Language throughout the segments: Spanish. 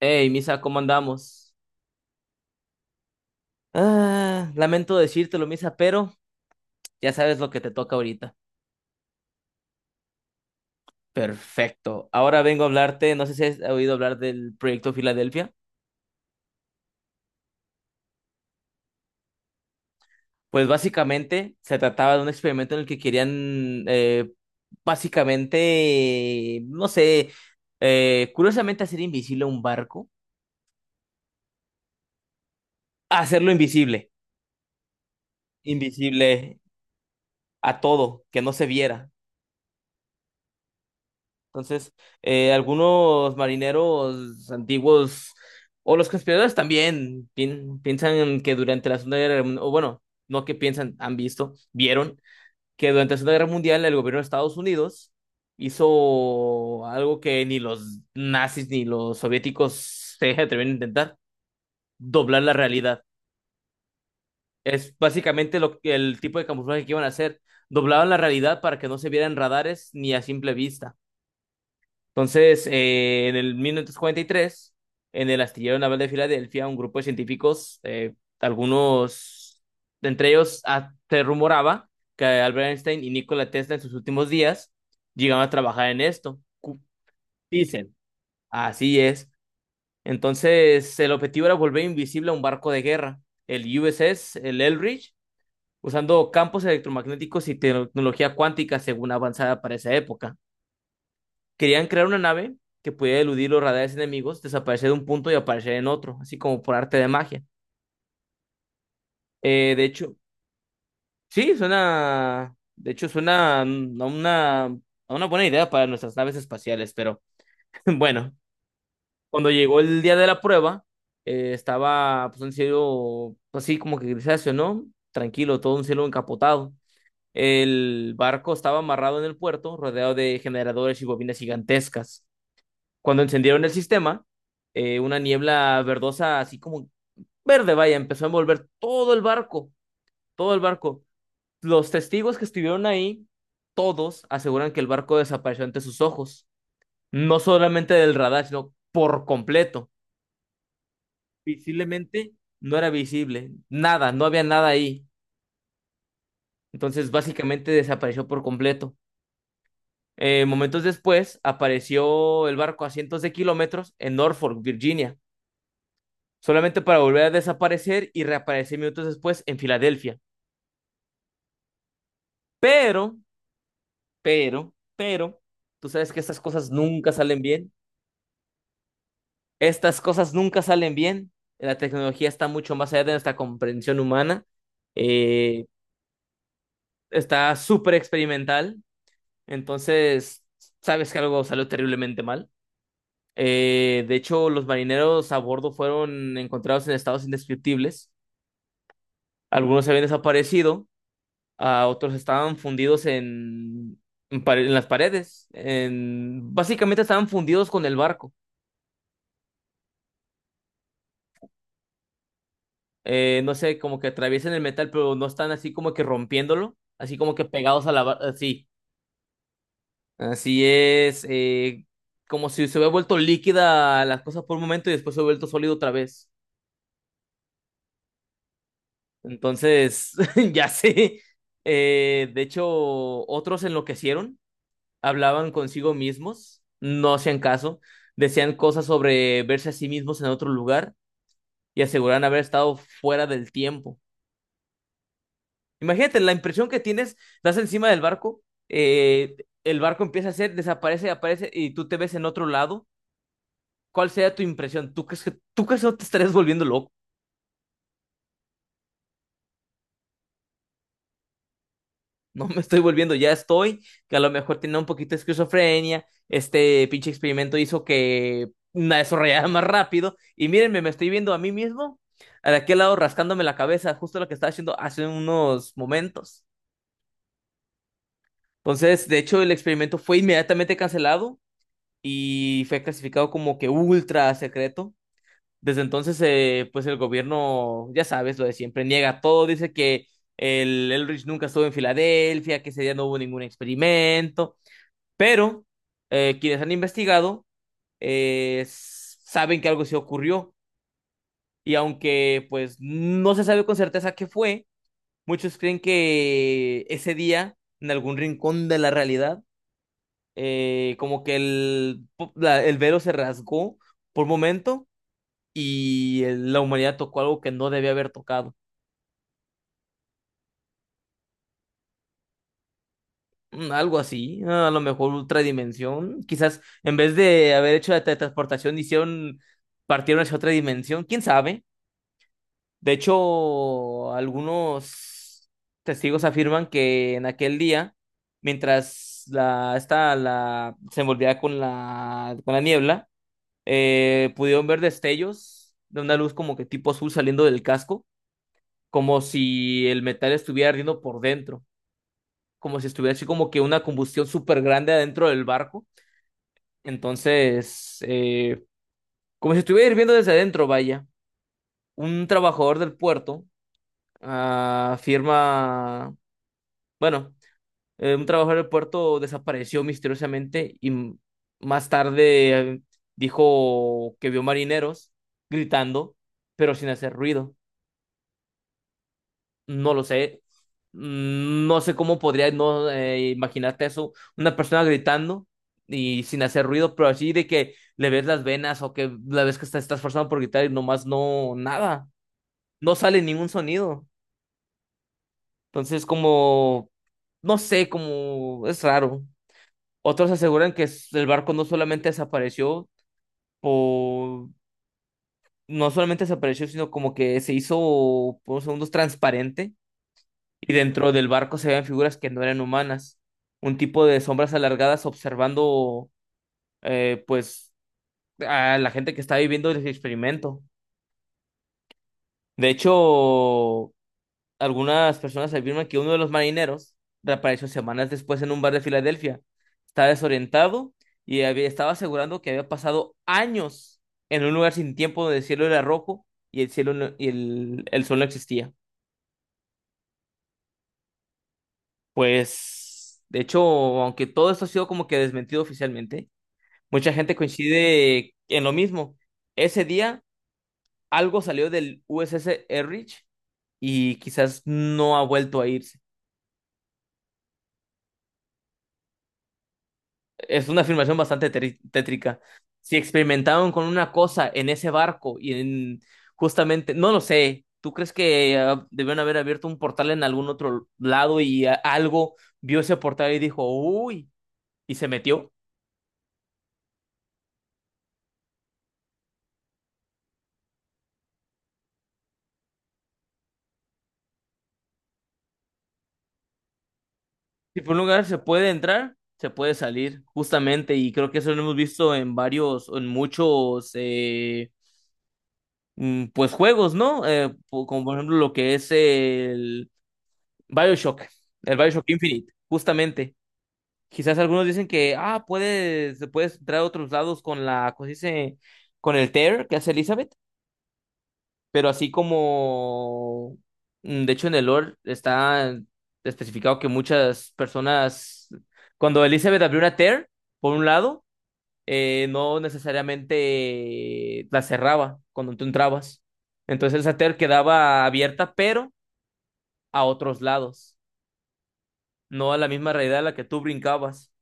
Hey, Misa, ¿cómo andamos? Ah, lamento decírtelo, Misa, pero ya sabes lo que te toca ahorita. Perfecto. Ahora vengo a hablarte, no sé si has oído hablar del proyecto Filadelfia. Pues básicamente se trataba de un experimento en el que querían, básicamente, no sé, curiosamente hacer invisible un barco, hacerlo invisible, invisible a todo, que no se viera. Entonces, algunos marineros antiguos o los conspiradores también piensan que durante la Segunda Guerra Mundial, o bueno, no que piensan, han visto, vieron que durante la Segunda Guerra Mundial el gobierno de Estados Unidos hizo algo que ni los nazis ni los soviéticos se atrevieron a intentar, doblar la realidad. Es básicamente el tipo de camuflaje que iban a hacer. Doblaban la realidad para que no se vieran radares ni a simple vista. Entonces, en el 1943, en el astillero naval de Filadelfia, un grupo de científicos, algunos de entre ellos, se rumoraba que Albert Einstein y Nikola Tesla en sus últimos días llegaban a trabajar en esto. Dicen. Así es. Entonces, el objetivo era volver invisible a un barco de guerra, el USS, el Eldridge, usando campos electromagnéticos y tecnología cuántica según avanzada para esa época. Querían crear una nave que pudiera eludir los radares enemigos, desaparecer de un punto y aparecer en otro, así como por arte de magia. Eh, de hecho, sí, suena, de hecho, suena a una buena idea para nuestras naves espaciales, pero bueno, cuando llegó el día de la prueba, estaba pues, un cielo así como que grisáceo, ¿no? Tranquilo, todo un cielo encapotado. El barco estaba amarrado en el puerto, rodeado de generadores y bobinas gigantescas. Cuando encendieron el sistema, una niebla verdosa, así como verde, vaya, empezó a envolver todo el barco, todo el barco. Los testigos que estuvieron ahí, todos aseguran que el barco desapareció ante sus ojos, no solamente del radar, sino por completo. Visiblemente no era visible, nada, no había nada ahí. Entonces, básicamente desapareció por completo. Momentos después, apareció el barco a cientos de kilómetros en Norfolk, Virginia, solamente para volver a desaparecer y reaparecer minutos después en Filadelfia. Pero, pero, tú sabes que estas cosas nunca salen bien. Estas cosas nunca salen bien. La tecnología está mucho más allá de nuestra comprensión humana. Eh, está súper experimental. Entonces, sabes que algo salió terriblemente mal. De hecho, los marineros a bordo fueron encontrados en estados indescriptibles. Algunos habían desaparecido, a otros estaban fundidos en las paredes, en, básicamente estaban fundidos con el barco. No sé, como que atraviesan el metal, pero no están así como que rompiéndolo, así como que pegados a la barca, así. Así es, como si se hubiera vuelto líquida las cosas por un momento y después se hubiera vuelto sólido otra vez. Entonces, ya sé. De hecho, otros enloquecieron, hablaban consigo mismos, no hacían caso, decían cosas sobre verse a sí mismos en otro lugar y aseguraban haber estado fuera del tiempo. Imagínate la impresión que tienes, estás encima del barco, eh, el barco empieza a hacer, desaparece, aparece y tú te ves en otro lado. ¿Cuál sería tu impresión? Tú crees que no te estarías volviendo loco? No me estoy volviendo, ya estoy, que a lo mejor tenía un poquito de esquizofrenia, este pinche experimento hizo que la desarrollara más rápido, y mírenme, me estoy viendo a mí mismo, a de aquel lado rascándome la cabeza, justo lo que estaba haciendo hace unos momentos. Entonces, de hecho, el experimento fue inmediatamente cancelado y fue clasificado como que ultra secreto. Desde entonces, pues el gobierno, ya sabes, lo de siempre, niega todo, dice que el Elrich nunca estuvo en Filadelfia, que ese día no hubo ningún experimento. Pero quienes han investigado saben que algo sí ocurrió y aunque pues no se sabe con certeza qué fue, muchos creen que ese día en algún rincón de la realidad, como que el velo se rasgó por un momento y la humanidad tocó algo que no debía haber tocado. Mm, algo así, a lo mejor otra dimensión. Quizás en vez de haber hecho la teletransportación, hicieron, partieron hacia otra dimensión. ¿Quién sabe? De hecho, algunos testigos afirman que en aquel día, mientras se envolvía con con la niebla, pudieron ver destellos de una luz como que tipo azul saliendo del casco, como si el metal estuviera ardiendo por dentro, como si estuviera así como que una combustión súper grande adentro del barco. Entonces, como si estuviera hirviendo desde adentro, vaya. Un trabajador del puerto afirma, bueno, un trabajador del puerto desapareció misteriosamente y más tarde dijo que vio marineros gritando, pero sin hacer ruido. No lo sé. Mm, no sé cómo podría no imaginarte eso. Una persona gritando y sin hacer ruido, pero así de que le ves las venas o que la ves que está, está esforzando por gritar y nomás no, nada. No sale ningún sonido. Entonces, como, no sé, como es raro. Otros aseguran que el barco no solamente desapareció por... No solamente desapareció, sino como que se hizo por segundos transparente y dentro del barco se veían figuras que no eran humanas. Un tipo de sombras alargadas observando, pues, a la gente que estaba viviendo el experimento. De hecho, algunas personas afirman que uno de los marineros reapareció semanas después en un bar de Filadelfia. Estaba desorientado y había, estaba asegurando que había pasado años en un lugar sin tiempo donde el cielo era rojo y el cielo y el sol no existía. Pues, de hecho, aunque todo esto ha sido como que desmentido oficialmente, mucha gente coincide en lo mismo. Ese día algo salió del USS Erich y quizás no ha vuelto a ir. Es una afirmación bastante tétrica. Si experimentaron con una cosa en ese barco y en justamente, no lo sé, ¿tú crees que debieron haber abierto un portal en algún otro lado y algo vio ese portal y dijo, uy, y se metió? Si por un lugar se puede entrar, se puede salir, justamente, y creo que eso lo hemos visto en varios, en muchos, pues juegos, ¿no? Como por ejemplo lo que es BioShock, el BioShock Infinite, justamente. Quizás algunos dicen que, puedes entrar a otros lados con la, ¿cómo se dice? Con el tear que hace Elizabeth, pero así como, mm, de hecho en el lore está especificado que muchas personas, cuando Elizabeth abrió una tear, por un lado, no necesariamente la cerraba cuando tú entrabas. Entonces esa tear quedaba abierta, pero a otros lados, no a la misma realidad a la que tú brincabas.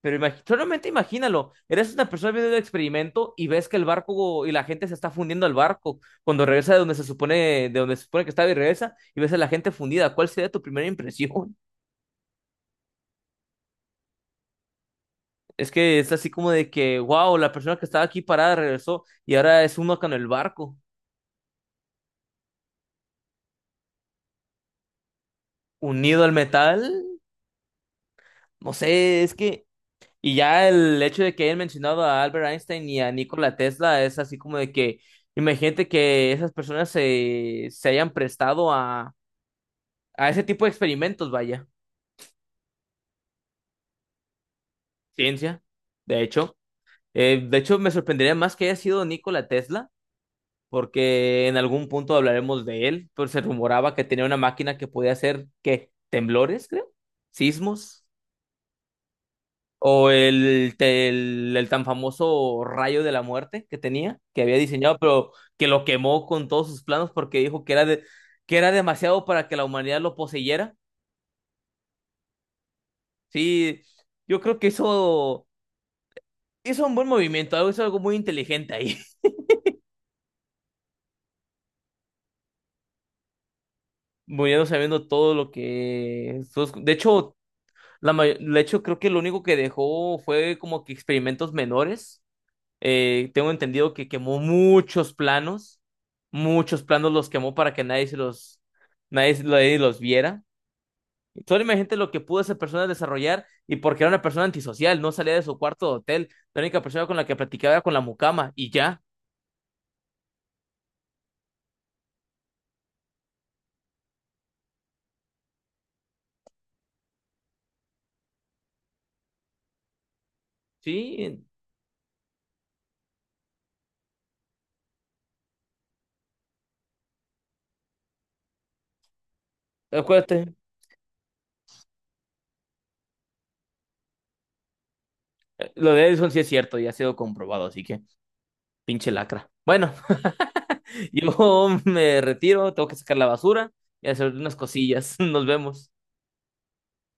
Pero solamente imagínalo, eres una persona viendo el experimento y ves que el barco y la gente se está fundiendo al barco cuando regresa de donde se supone, de donde se supone que estaba y regresa y ves a la gente fundida. ¿Cuál sería tu primera impresión? Es que es así como de que, wow, la persona que estaba aquí parada regresó y ahora es uno con el barco, unido al metal. No sé, es que... Y ya el hecho de que hayan mencionado a Albert Einstein y a Nikola Tesla es así como de que, imagínate que esas personas se, se hayan prestado a ese tipo de experimentos, vaya, ciencia, de hecho. De hecho, me sorprendería más que haya sido Nikola Tesla, porque en algún punto hablaremos de él, pero se rumoraba que tenía una máquina que podía hacer, ¿qué? Temblores, creo, sismos, o el tan famoso rayo de la muerte que tenía, que había diseñado, pero que lo quemó con todos sus planos porque dijo que era, de, que era demasiado para que la humanidad lo poseyera. Sí, yo creo que eso hizo un buen movimiento, hizo algo muy inteligente ahí, muriendo sabiendo todo lo que... De hecho, de hecho, creo que lo único que dejó fue como que experimentos menores. Tengo entendido que quemó muchos planos los quemó para que nadie se los, nadie los viera. Solo imagínate lo que pudo esa persona desarrollar y porque era una persona antisocial, no salía de su cuarto de hotel, la única persona con la que platicaba era con la mucama y ya, ¿sí? Acuérdate. Lo de Edison sí es cierto y ha sido comprobado, así que pinche lacra. Bueno, yo me retiro, tengo que sacar la basura y hacer unas cosillas. Nos vemos.